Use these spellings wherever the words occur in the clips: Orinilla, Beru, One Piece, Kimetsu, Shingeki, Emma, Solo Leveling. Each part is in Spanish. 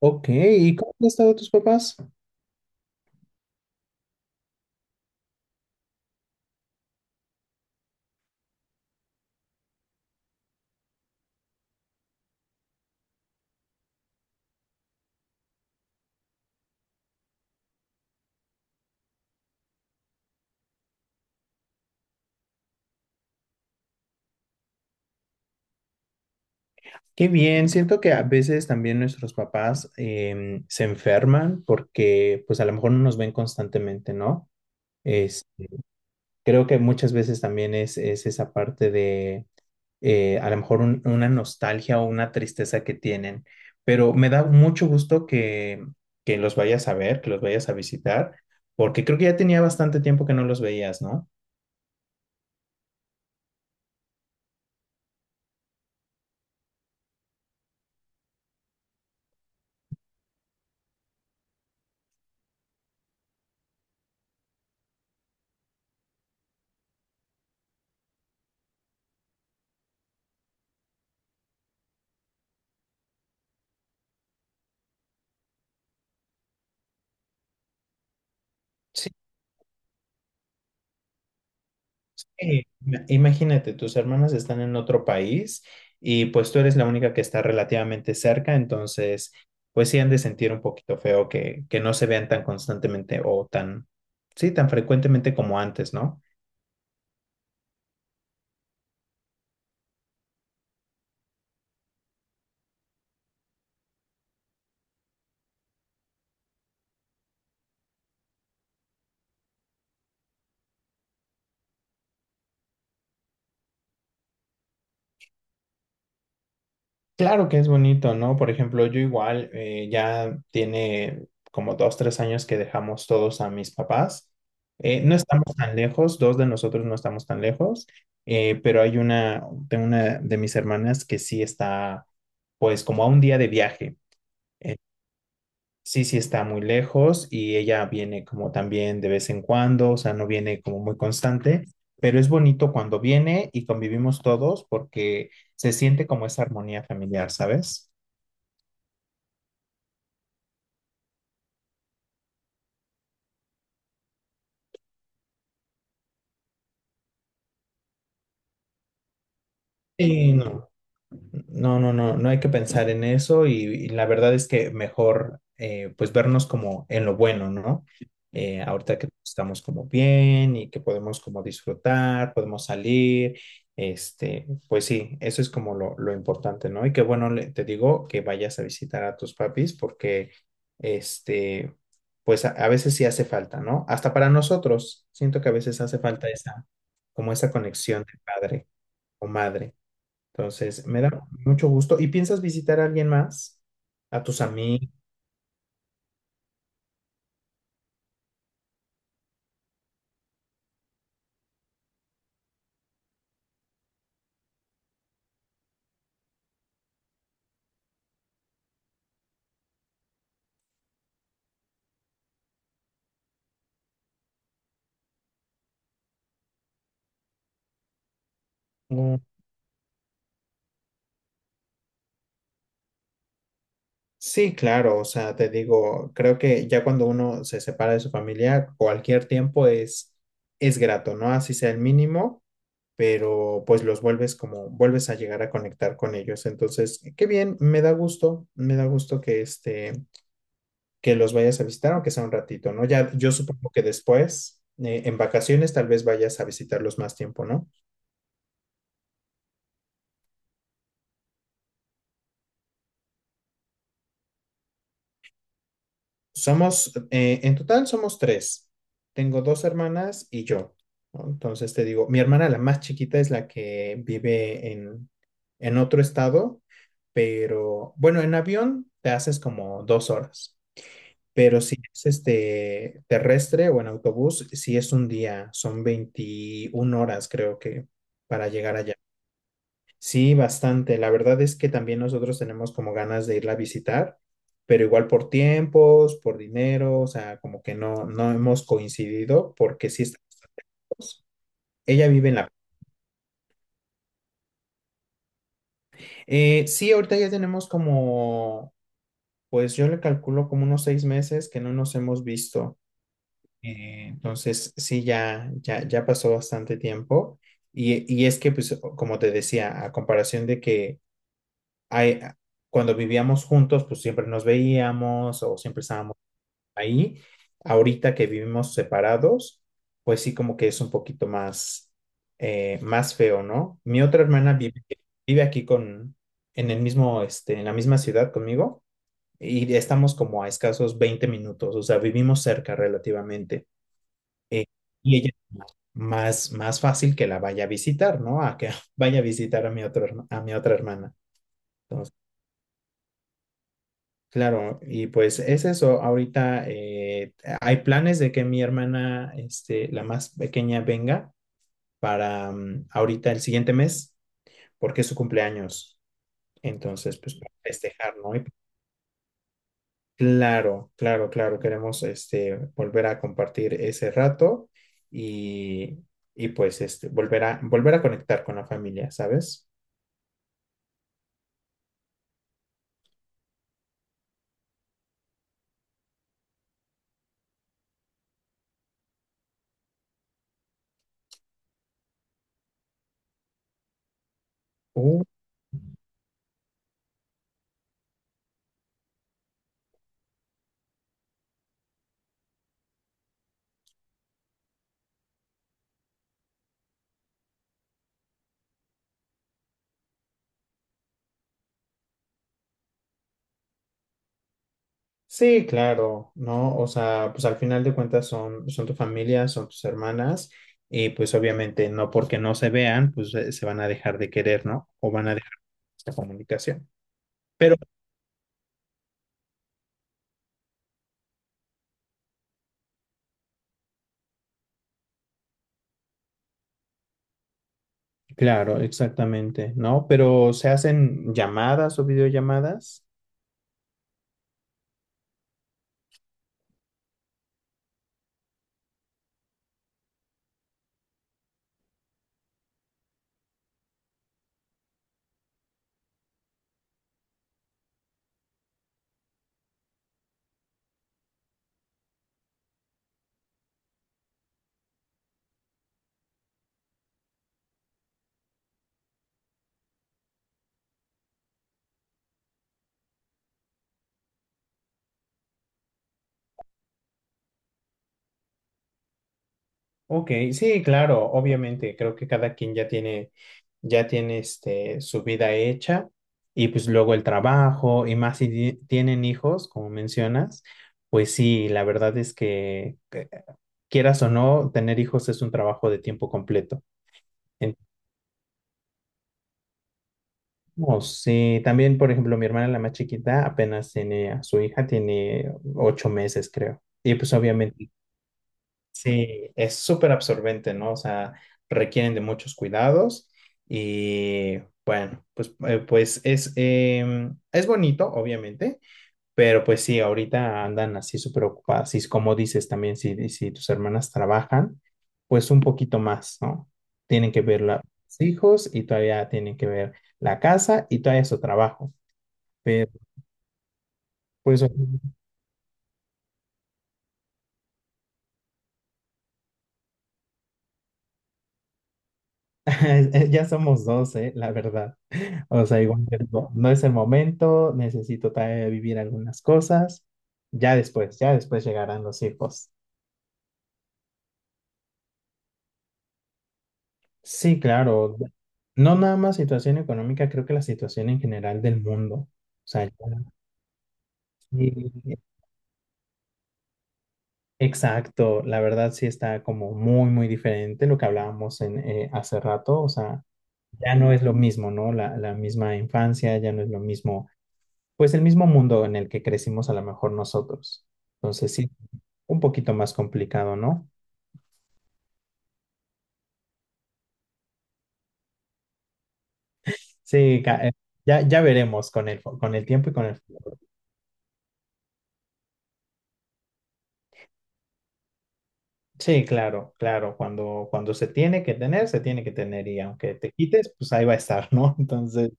Ok, ¿y cómo han estado tus papás? Qué bien, siento que a veces también nuestros papás se enferman porque pues a lo mejor no nos ven constantemente, ¿no? Es, Creo que muchas veces también es esa parte de a lo mejor una nostalgia o una tristeza que tienen, pero me da mucho gusto que, los vayas a ver, que los vayas a visitar, porque creo que ya tenía bastante tiempo que no los veías, ¿no? Sí. Imagínate, tus hermanas están en otro país y pues tú eres la única que está relativamente cerca, entonces pues sí han de sentir un poquito feo que no se vean tan constantemente o tan, sí, tan frecuentemente como antes, ¿no? Claro que es bonito, ¿no? Por ejemplo, yo igual ya tiene como 2, 3 años que dejamos todos a mis papás. No estamos tan lejos, dos de nosotros no estamos tan lejos, pero hay una, tengo una de mis hermanas que sí está, pues como a un día de viaje. Eh, sí, sí está muy lejos y ella viene como también de vez en cuando, o sea, no viene como muy constante, pero es bonito cuando viene y convivimos todos porque se siente como esa armonía familiar, ¿sabes? Sí, no, no, no, no, no hay que pensar en eso y la verdad es que mejor pues vernos como en lo bueno, ¿no? Ahorita que estamos como bien y que podemos como disfrutar, podemos salir, este, pues sí, eso es como lo importante, ¿no? Y que bueno, te digo que vayas a visitar a tus papis porque, este, pues a veces sí hace falta, ¿no? Hasta para nosotros, siento que a veces hace falta esa, como esa conexión de padre o madre. Entonces, me da mucho gusto. ¿Y piensas visitar a alguien más? ¿A tus amigos? Sí, claro, o sea, te digo, creo que ya cuando uno se separa de su familia, cualquier tiempo es grato, ¿no? Así sea el mínimo, pero pues los vuelves como, vuelves a llegar a conectar con ellos. Entonces, qué bien, me da gusto que los vayas a visitar, aunque sea un ratito, ¿no? Ya, yo supongo que después, en vacaciones, tal vez vayas a visitarlos más tiempo, ¿no? Somos, en total somos tres. Tengo dos hermanas y yo, ¿no? Entonces te digo, mi hermana la más chiquita es la que vive en otro estado, pero bueno, en avión te haces como 2 horas, pero si es este terrestre o en autobús, si es un día, son 21 horas creo que para llegar allá. Sí, bastante. La verdad es que también nosotros tenemos como ganas de irla a visitar, pero igual por tiempos, por dinero, o sea, como que no, no hemos coincidido porque sí estamos lejos. Ella vive en la. Sí, ahorita ya tenemos como, pues yo le calculo como unos 6 meses que no nos hemos visto. Entonces, sí, ya, ya, ya pasó bastante tiempo. Y es que, pues, como te decía, a comparación de que ahí- cuando vivíamos juntos, pues siempre nos veíamos o siempre estábamos ahí. Ahorita que vivimos separados, pues sí, como que es un poquito más feo, ¿no? Mi otra hermana vive aquí con, en el mismo, este, en la misma ciudad conmigo y estamos como a escasos 20 minutos, o sea, vivimos cerca relativamente. Eh, y ella más, más fácil que la vaya a visitar, ¿no? A que vaya a visitar a mi otro, a mi otra hermana. Claro, y pues es eso. Ahorita hay planes de que mi hermana, este, la más pequeña, venga para ahorita el siguiente mes, porque es su cumpleaños. Entonces, pues para festejar, ¿no? Y claro, claro, claro, queremos este, volver a compartir ese rato y, y pues este, volver a conectar con la familia, ¿sabes? Sí, claro, ¿no? O sea, pues al final de cuentas son tu familia, son tus hermanas, y pues obviamente no porque no se vean, pues se van a dejar de querer, ¿no? O van a dejar esta comunicación. Pero, claro, exactamente, ¿no? Pero se hacen llamadas o videollamadas. Ok, sí, claro, obviamente, creo que cada quien ya tiene este, su vida hecha y pues luego el trabajo y más si tienen hijos, como mencionas, pues sí, la verdad es que quieras o no, tener hijos es un trabajo de tiempo completo. Entonces, sí, también, por ejemplo, mi hermana, la más chiquita, apenas tiene a su hija, tiene 8 meses, creo. Y pues obviamente, sí, es súper absorbente, ¿no? O sea, requieren de muchos cuidados y bueno, pues, pues es bonito, obviamente, pero pues sí, ahorita andan así súper ocupadas. Y es como dices también, si tus hermanas trabajan, pues un poquito más, ¿no? Tienen que ver los hijos y todavía tienen que ver la casa y todavía su trabajo. Pero pues ya somos dos, la verdad. O sea, igual yo digo, no es el momento, necesito todavía vivir algunas cosas. Ya después llegarán los hijos. Sí, claro. No nada más situación económica, creo que la situación en general del mundo. O sea, ya sí, exacto. La verdad sí está como muy, muy diferente lo que hablábamos hace rato. O sea, ya no es lo mismo, ¿no? La misma infancia, ya no es lo mismo pues el mismo mundo en el que crecimos a lo mejor nosotros. Entonces sí, un poquito más complicado, ¿no? Sí, ya, ya veremos con el tiempo y con el futuro. Sí, claro, claro, cuando, cuando se tiene que tener, se tiene que tener y aunque te quites, pues ahí va a estar, ¿no? Entonces,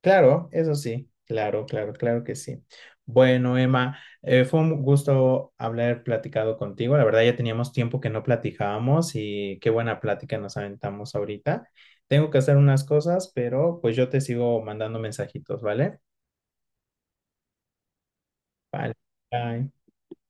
claro, eso sí, claro, claro, claro que sí. Bueno, Emma, fue un gusto haber platicado contigo. La verdad, ya teníamos tiempo que no platicábamos y qué buena plática nos aventamos ahorita. Tengo que hacer unas cosas, pero pues yo te sigo mandando mensajitos, ¿vale? Vale. Bye.